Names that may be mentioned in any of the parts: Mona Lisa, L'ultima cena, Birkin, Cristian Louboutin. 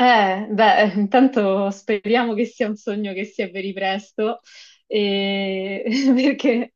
Beh, intanto speriamo che sia un sogno che si avveri presto, e- perché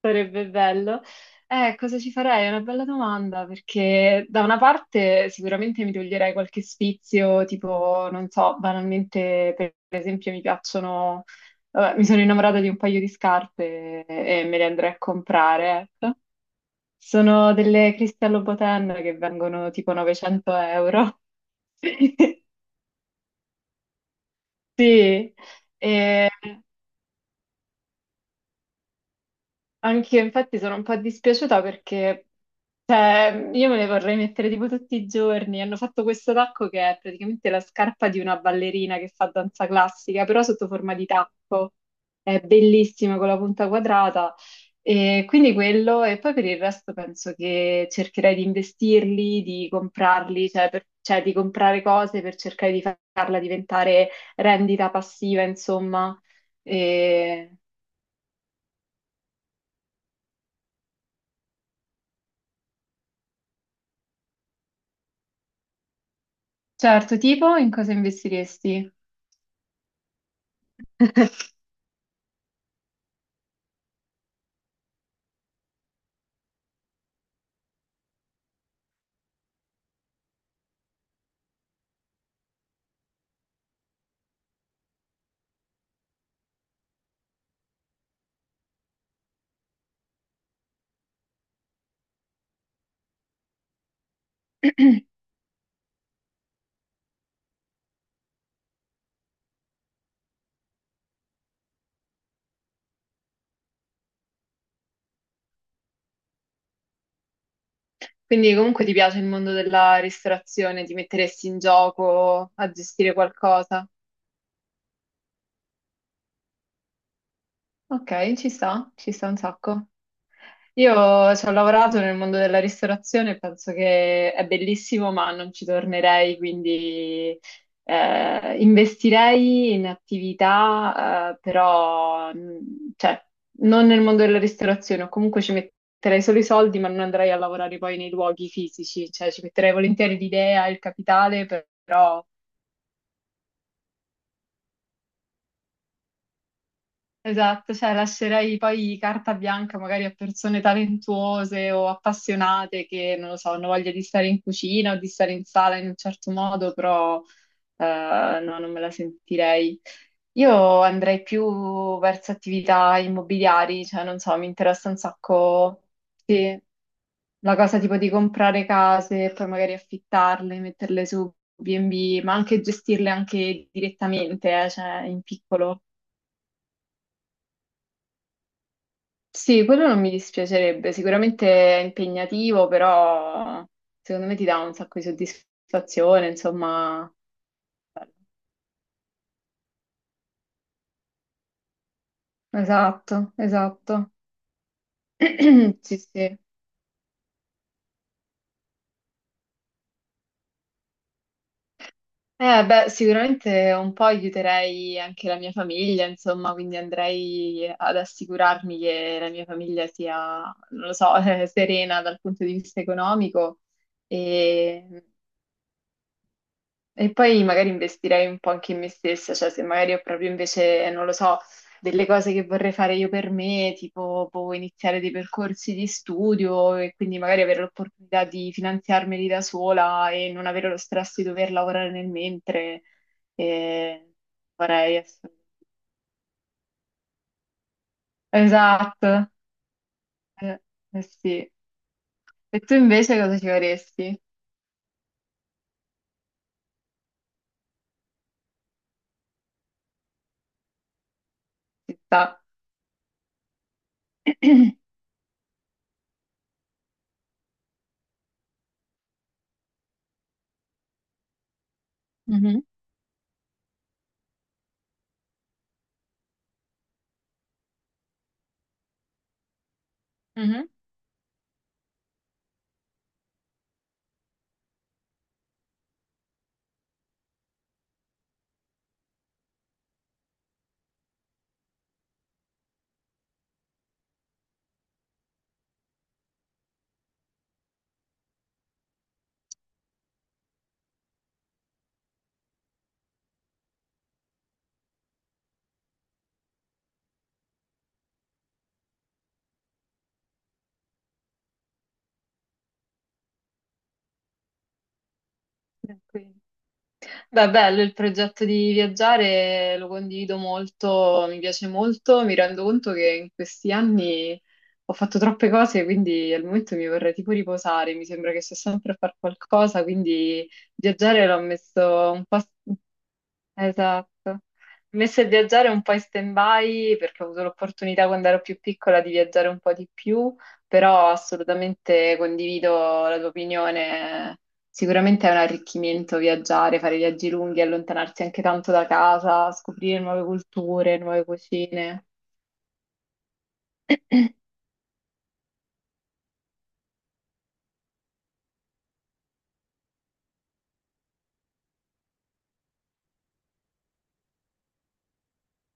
sarebbe bello. Cosa ci farei? È una bella domanda, perché da una parte sicuramente mi toglierei qualche sfizio, tipo, non so, banalmente, per esempio, mi piacciono, vabbè, mi sono innamorata di un paio di scarpe e me le andrei a comprare, ecco. Sono delle Cristian Louboutin che vengono tipo 900 euro. Sì, e anche io infatti sono un po' dispiaciuta perché cioè, io me le vorrei mettere tipo tutti i giorni. Hanno fatto questo tacco che è praticamente la scarpa di una ballerina che fa danza classica, però sotto forma di tacco. È bellissima con la punta quadrata. E quindi quello, e poi per il resto penso che cercherei di investirli, di comprarli, cioè, cioè di comprare cose per cercare di farla diventare rendita passiva, insomma. E- Certo, tipo in cosa investiresti? Quindi comunque ti piace il mondo della ristorazione, ti metteresti in gioco a gestire qualcosa? Ok, ci sta un sacco. Io ci ho lavorato nel mondo della ristorazione e penso che è bellissimo, ma non ci tornerei, quindi investirei in attività, però cioè, non nel mondo della ristorazione, o comunque ci metterei solo i soldi, ma non andrei a lavorare poi nei luoghi fisici, cioè ci metterei volentieri l'idea, il capitale, però esatto, cioè lascerei poi carta bianca magari a persone talentuose o appassionate che, non lo so, hanno voglia di stare in cucina o di stare in sala in un certo modo, però no, non me la sentirei. Io andrei più verso attività immobiliari, cioè non so, mi interessa un sacco sì, la cosa tipo di comprare case e poi magari affittarle, metterle su B&B, ma anche gestirle anche direttamente, cioè in piccolo. Sì, quello non mi dispiacerebbe, sicuramente è impegnativo, però secondo me ti dà un sacco di soddisfazione, insomma. Esatto, esatto. Sì, sì. Beh, sicuramente un po' aiuterei anche la mia famiglia, insomma, quindi andrei ad assicurarmi che la mia famiglia sia, non lo so, serena dal punto di vista economico. E E poi magari investirei un po' anche in me stessa, cioè se magari ho proprio invece, non lo so, delle cose che vorrei fare io per me, tipo boh, iniziare dei percorsi di studio e quindi magari avere l'opportunità di finanziarmeli da sola e non avere lo stress di dover lavorare nel mentre, e vorrei assolutamente. Esatto, eh, eh sì. E tu invece cosa ci vorresti? Ci sta. Mhm, mhm. Tranquillo. Beh, bello il progetto di viaggiare, lo condivido molto, mi piace molto, mi rendo conto che in questi anni ho fatto troppe cose, quindi al momento mi vorrei tipo riposare, mi sembra che sto sempre a fare qualcosa, quindi viaggiare l'ho messo un po', esatto. Messa a viaggiare un po' in stand-by perché ho avuto l'opportunità quando ero più piccola di viaggiare un po' di più, però assolutamente condivido la tua opinione. Sicuramente è un arricchimento viaggiare, fare viaggi lunghi, allontanarsi anche tanto da casa, scoprire nuove culture, nuove cucine.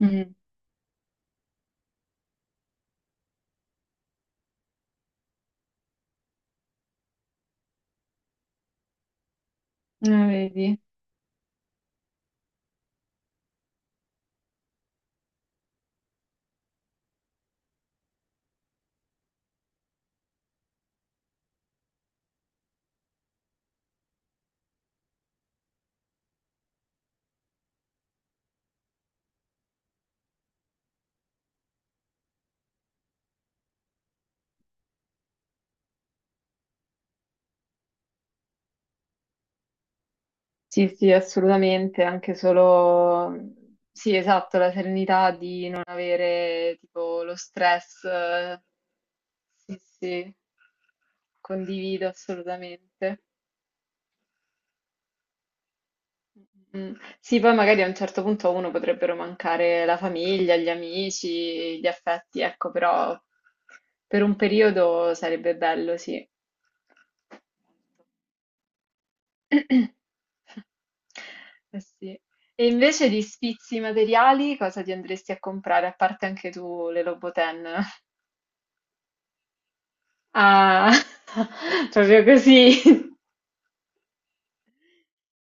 Mm, vedi? Sì, sì, assolutamente, anche solo, sì, esatto, la serenità di non avere tipo lo stress. Sì, sì. Condivido assolutamente. Mm. Mm. Sì, poi magari a un certo punto a uno potrebbero mancare la famiglia, gli amici, gli affetti, ecco, però per un periodo sarebbe bello, sì. Eh sì. E invece di sfizi materiali, cosa ti andresti a comprare? A parte anche tu le Loboten. Ah, proprio così,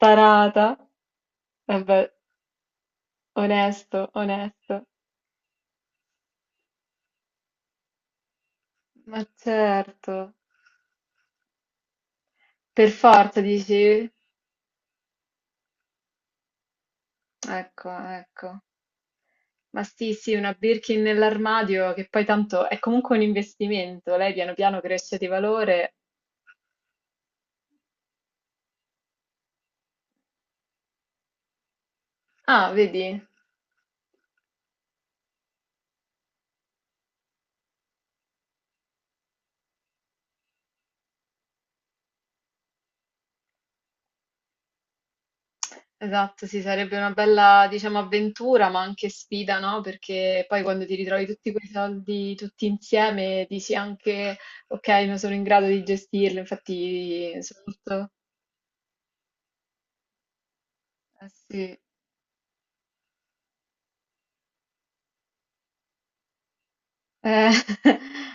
tarata. Vabbè, onesto, onesto. Ma certo, per forza dici? Ecco, ecco. Ma sì, sì, una Birkin nell'armadio che poi tanto è comunque un investimento, lei piano piano cresce di valore. Ah, vedi? Esatto, sì, sarebbe una bella, diciamo, avventura, ma anche sfida, no? Perché poi quando ti ritrovi tutti quei soldi tutti insieme, dici anche, ok, non sono in grado di gestirlo, infatti sono molto... Eh sì. Eh,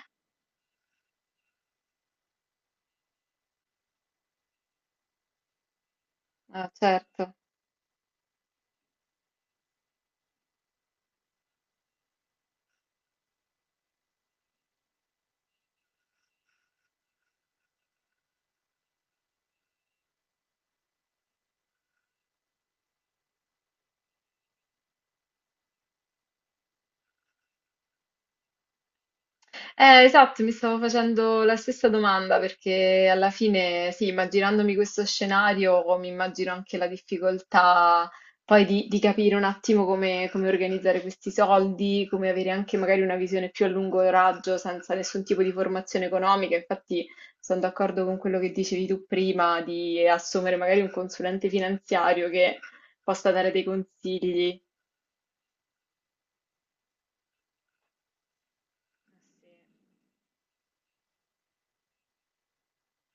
ah, certo. Esatto, mi stavo facendo la stessa domanda perché alla fine, sì, immaginandomi questo scenario, mi immagino anche la difficoltà poi di capire un attimo come, come organizzare questi soldi, come avere anche magari una visione più a lungo raggio senza nessun tipo di formazione economica. Infatti sono d'accordo con quello che dicevi tu prima di assumere magari un consulente finanziario che possa dare dei consigli.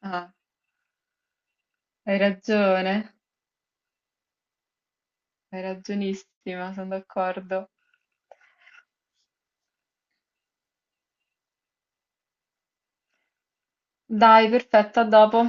Ah, hai ragione. Hai ragionissima, sono d'accordo. Dai, perfetto, a dopo.